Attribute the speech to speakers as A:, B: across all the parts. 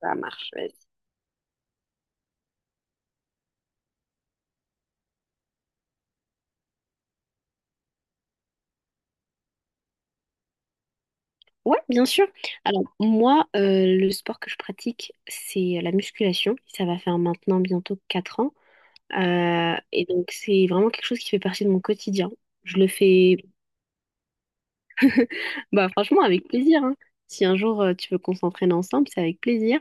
A: Ça marche, vas-y. Ouais, bien sûr. Alors, moi, le sport que je pratique, c'est la musculation. Ça va faire maintenant bientôt 4 ans. Et donc, c'est vraiment quelque chose qui fait partie de mon quotidien. Je le fais, bah, franchement, avec plaisir, hein. Si un jour, tu veux qu'on s'entraîne ensemble, c'est avec plaisir.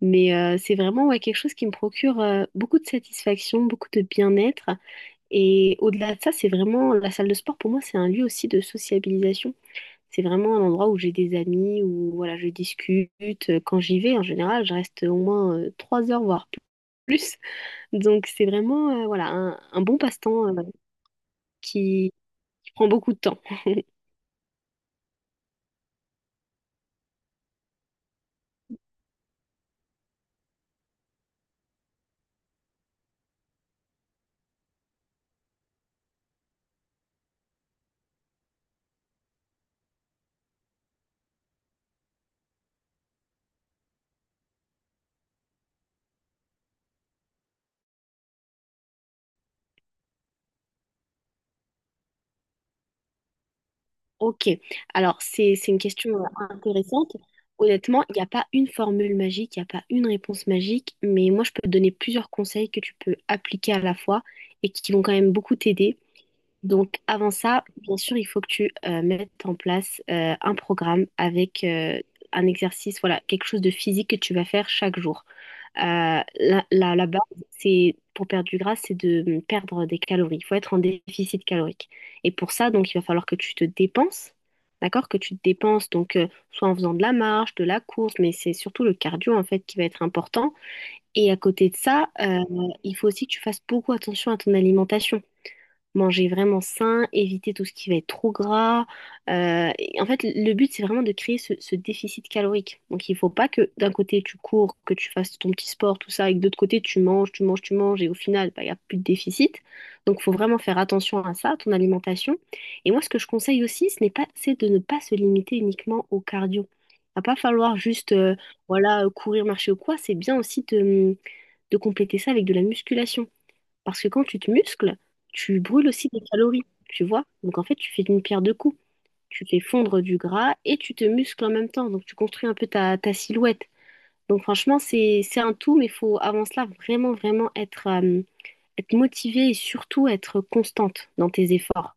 A: Mais c'est vraiment ouais, quelque chose qui me procure beaucoup de satisfaction, beaucoup de bien-être. Et au-delà de ça, c'est vraiment la salle de sport, pour moi, c'est un lieu aussi de sociabilisation. C'est vraiment un endroit où j'ai des amis, où voilà, je discute. Quand j'y vais, en général, je reste au moins 3 heures, voire plus. Donc c'est vraiment voilà, un bon passe-temps qui, qui prend beaucoup de temps. Ok, alors c'est une question intéressante. Honnêtement, il n'y a pas une formule magique, il n'y a pas une réponse magique, mais moi je peux te donner plusieurs conseils que tu peux appliquer à la fois et qui vont quand même beaucoup t'aider. Donc, avant ça, bien sûr, il faut que tu mettes en place un programme avec un exercice, voilà, quelque chose de physique que tu vas faire chaque jour. La base, c'est pour perdre du gras, c'est de perdre des calories. Il faut être en déficit calorique. Et pour ça, donc, il va falloir que tu te dépenses, d'accord? Que tu te dépenses, donc, soit en faisant de la marche, de la course, mais c'est surtout le cardio, en fait, qui va être important. Et à côté de ça, il faut aussi que tu fasses beaucoup attention à ton alimentation, manger vraiment sain, éviter tout ce qui va être trop gras. Et en fait, le but, c'est vraiment de créer ce, ce déficit calorique. Donc, il faut pas que d'un côté, tu cours, que tu fasses ton petit sport, tout ça, et que de l'autre côté, tu manges, tu manges, tu manges, et au final, bah, il n'y a plus de déficit. Donc, il faut vraiment faire attention à ça, à ton alimentation. Et moi, ce que je conseille aussi, ce n'est pas, c'est de ne pas se limiter uniquement au cardio. Il va pas falloir juste, voilà, courir, marcher ou quoi. C'est bien aussi de compléter ça avec de la musculation. Parce que quand tu te muscles, tu brûles aussi des calories, tu vois. Donc en fait, tu fais une pierre deux coups. Tu fais fondre du gras et tu te muscles en même temps. Donc tu construis un peu ta, ta silhouette. Donc franchement, c'est un tout, mais il faut avant cela vraiment, vraiment être, être motivé et surtout être constante dans tes efforts.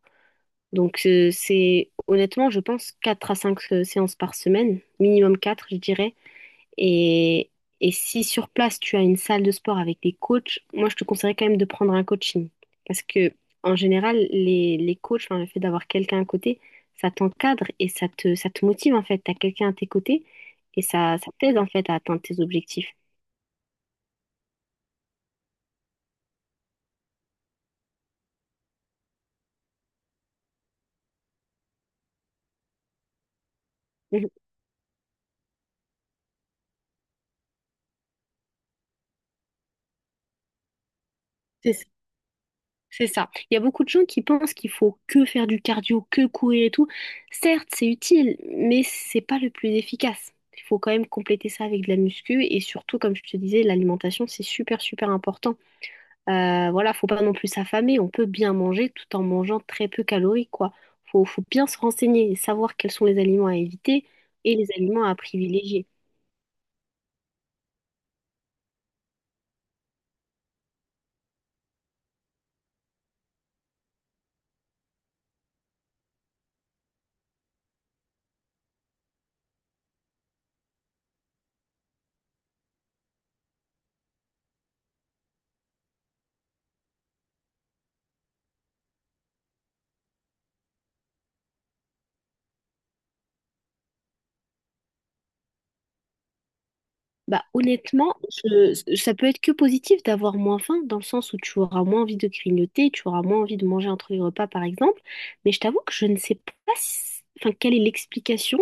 A: Donc c'est honnêtement, je pense, 4 à 5 séances par semaine, minimum 4, je dirais. Et, et si sur place tu as une salle de sport avec des coachs, moi je te conseillerais quand même de prendre un coaching. Parce que en général, les coachs, enfin, le fait d'avoir quelqu'un à côté, ça t'encadre et ça te motive en fait. Tu as quelqu'un à tes côtés et ça t'aide en fait à atteindre tes objectifs. Mhm. C'est ça. Il y a beaucoup de gens qui pensent qu'il faut que faire du cardio, que courir et tout. Certes, c'est utile, mais c'est pas le plus efficace. Il faut quand même compléter ça avec de la muscu et surtout, comme je te disais, l'alimentation, c'est super, super important. Voilà, faut pas non plus s'affamer. On peut bien manger tout en mangeant très peu calorique, quoi. Faut bien se renseigner et savoir quels sont les aliments à éviter et les aliments à privilégier. Bah, honnêtement, ça peut être que positif d'avoir moins faim, dans le sens où tu auras moins envie de grignoter, tu auras moins envie de manger entre les repas, par exemple. Mais je t'avoue que je ne sais pas si- enfin, quelle est l'explication,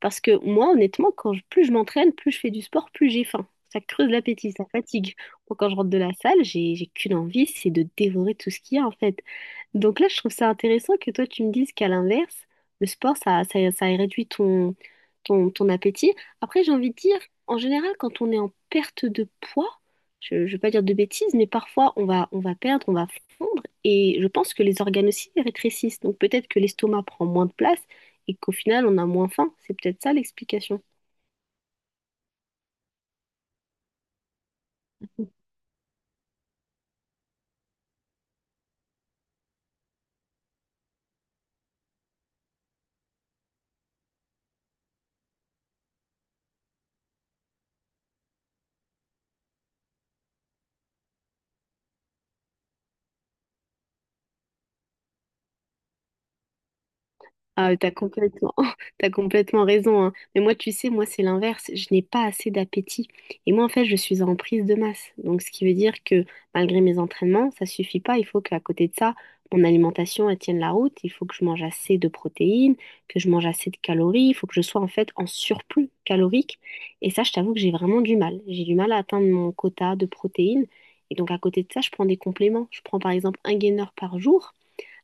A: parce que moi, honnêtement, quand plus je m'entraîne, plus je fais du sport, plus j'ai faim. Ça creuse l'appétit, ça fatigue. Moi, quand je rentre de la salle, j'ai qu'une envie, c'est de dévorer tout ce qu'il y a, en fait. Donc là, je trouve ça intéressant que toi, tu me dises qu'à l'inverse, le sport, ça réduit ton appétit. Après, j'ai envie de dire, en général, quand on est en perte de poids, je ne vais pas dire de bêtises, mais parfois on va perdre, on va fondre, et je pense que les organes aussi rétrécissent. Donc peut-être que l'estomac prend moins de place et qu'au final, on a moins faim. C'est peut-être ça l'explication. Ah, t'as complètement, t'as complètement raison, hein. Mais moi, tu sais, moi, c'est l'inverse. Je n'ai pas assez d'appétit. Et moi, en fait, je suis en prise de masse. Donc, ce qui veut dire que malgré mes entraînements, ça suffit pas. Il faut qu'à côté de ça, mon alimentation, elle tienne la route. Il faut que je mange assez de protéines, que je mange assez de calories. Il faut que je sois, en fait, en surplus calorique. Et ça, je t'avoue que j'ai vraiment du mal. J'ai du mal à atteindre mon quota de protéines. Et donc, à côté de ça, je prends des compléments. Je prends, par exemple, un gainer par jour.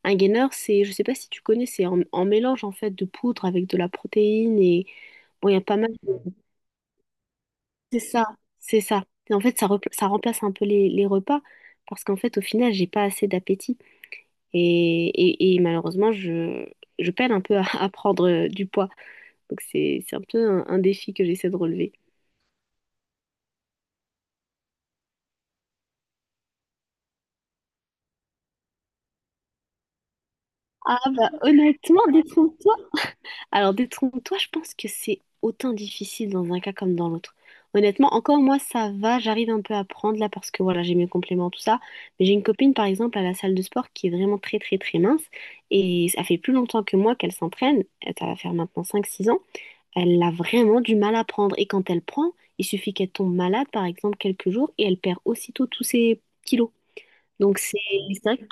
A: Un gainer, c'est, je sais pas si tu connais, c'est en mélange en fait de poudre avec de la protéine et bon, il y a pas mal. C'est ça, c'est ça. Et en fait, ça, ça remplace un peu les repas parce qu'en fait, au final, j'ai pas assez d'appétit et malheureusement, je peine un peu à prendre du poids. Donc c'est un peu un défi que j'essaie de relever. Ah bah honnêtement, alors, détrompe-toi, je pense que c'est autant difficile dans un cas comme dans l'autre. Honnêtement, encore moi, ça va, j'arrive un peu à prendre là parce que voilà, j'ai mes compléments, tout ça. Mais j'ai une copine, par exemple, à la salle de sport qui est vraiment très, très, très mince. Et ça fait plus longtemps que moi qu'elle s'entraîne. Elle- Ça va faire maintenant 5, 6 ans. Elle a vraiment du mal à prendre. Et quand elle prend, il suffit qu'elle tombe malade, par exemple, quelques jours, et elle perd aussitôt tous ses kilos. Donc, c'est vrai.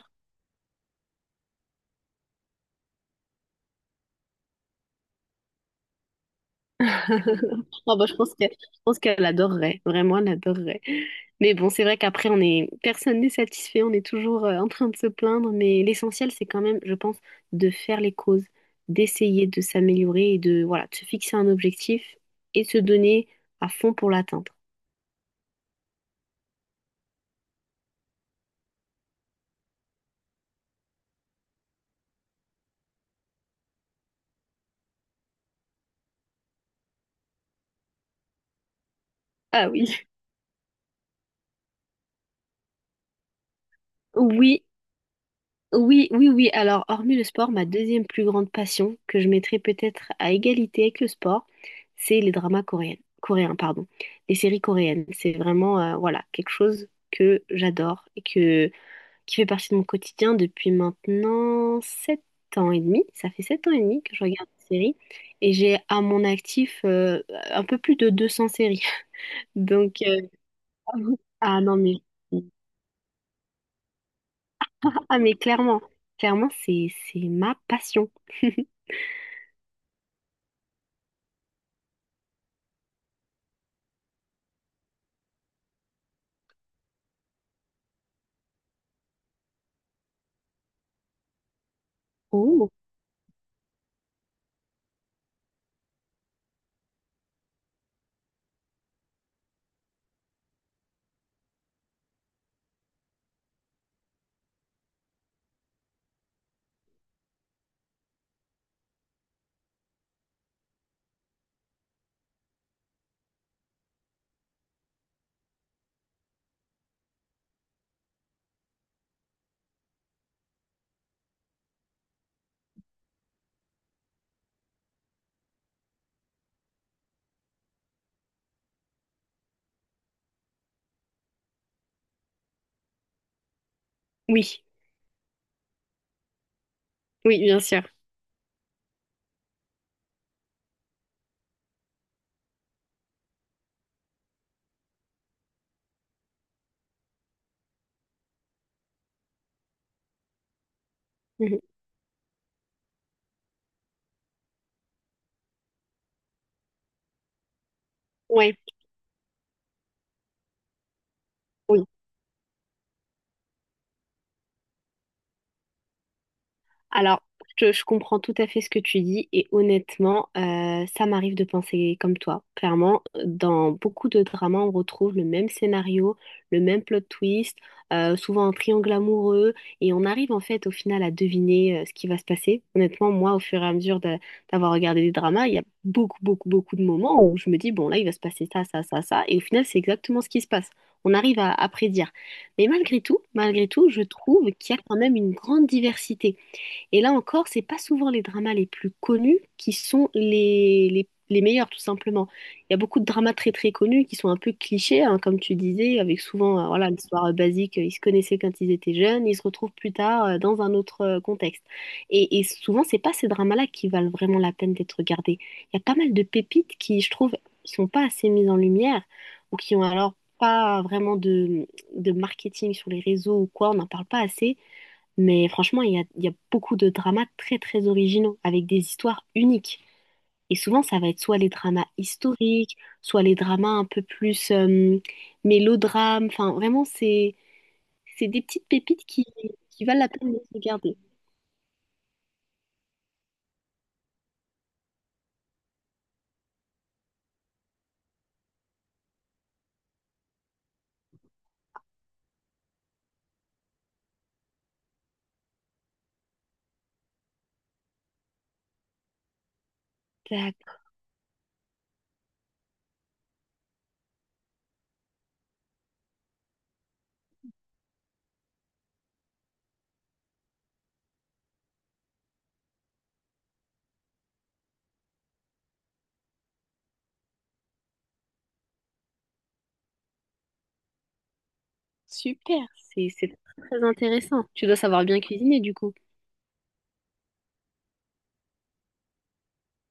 A: Ah bah, je pense que, je pense qu'elle adorerait, vraiment, elle adorerait. Mais bon, c'est vrai qu'après, on est, personne n'est satisfait, on est toujours en train de se plaindre, mais l'essentiel, c'est quand même, je pense, de faire les causes, d'essayer de s'améliorer et de, voilà, de se fixer un objectif et de se donner à fond pour l'atteindre. Ah oui. Oui, oui, oui, oui. Alors, hormis le sport, ma deuxième plus grande passion, que je mettrais peut-être à égalité avec le sport, c'est les dramas coréens, coréens, pardon, les séries coréennes. C'est vraiment, voilà, quelque chose que j'adore et qui fait partie de mon quotidien depuis maintenant 7 ans et demi. Ça fait 7 ans et demi que je regarde des séries et j'ai à mon actif un peu plus de 200 séries. Donc, ah non, mais, ah, mais clairement, c'est ma passion. Oh. Oui, oui, bien sûr. Mhm. Ouais, oui. Alors, je comprends tout à fait ce que tu dis et honnêtement, ça m'arrive de penser comme toi. Clairement, dans beaucoup de dramas, on retrouve le même scénario, le même plot twist, souvent un triangle amoureux et on arrive en fait au final à deviner ce qui va se passer. Honnêtement, moi, au fur et à mesure d'avoir regardé des dramas, il y a beaucoup, beaucoup, beaucoup de moments où je me dis, bon, là, il va se passer ça, ça, ça, ça et au final, c'est exactement ce qui se passe. On arrive à prédire. Mais malgré tout, je trouve qu'il y a quand même une grande diversité. Et là encore, c'est pas souvent les dramas les plus connus qui sont les meilleurs, tout simplement. Il y a beaucoup de dramas très très connus qui sont un peu clichés, hein, comme tu disais, avec souvent voilà, l'histoire basique, ils se connaissaient quand ils étaient jeunes, ils se retrouvent plus tard dans un autre contexte. Et souvent, c'est pas ces dramas-là qui valent vraiment la peine d'être regardés. Il y a pas mal de pépites qui, je trouve, sont pas assez mises en lumière ou qui ont alors pas vraiment de marketing sur les réseaux ou quoi, on n'en parle pas assez. Mais franchement, il y a beaucoup de dramas très très originaux, avec des histoires uniques. Et souvent, ça va être soit les dramas historiques, soit les dramas un peu plus mélodrames. Enfin, vraiment, c'est des petites pépites qui valent la peine de se regarder. D'accord, super, c'est très intéressant. Tu dois savoir bien cuisiner du coup.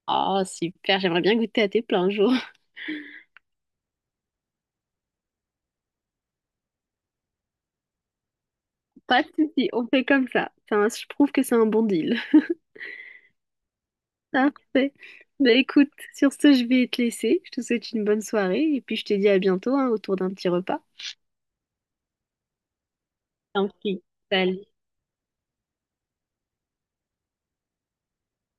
A: Oh, super, j'aimerais bien goûter à tes plats un jour. Pas de souci, on fait comme ça. Ça je trouve que c'est un bon deal. Parfait. Bah écoute, sur ce, je vais te laisser. Je te souhaite une bonne soirée et puis je te dis à bientôt, hein, autour d'un petit repas. Tant pis. Salut.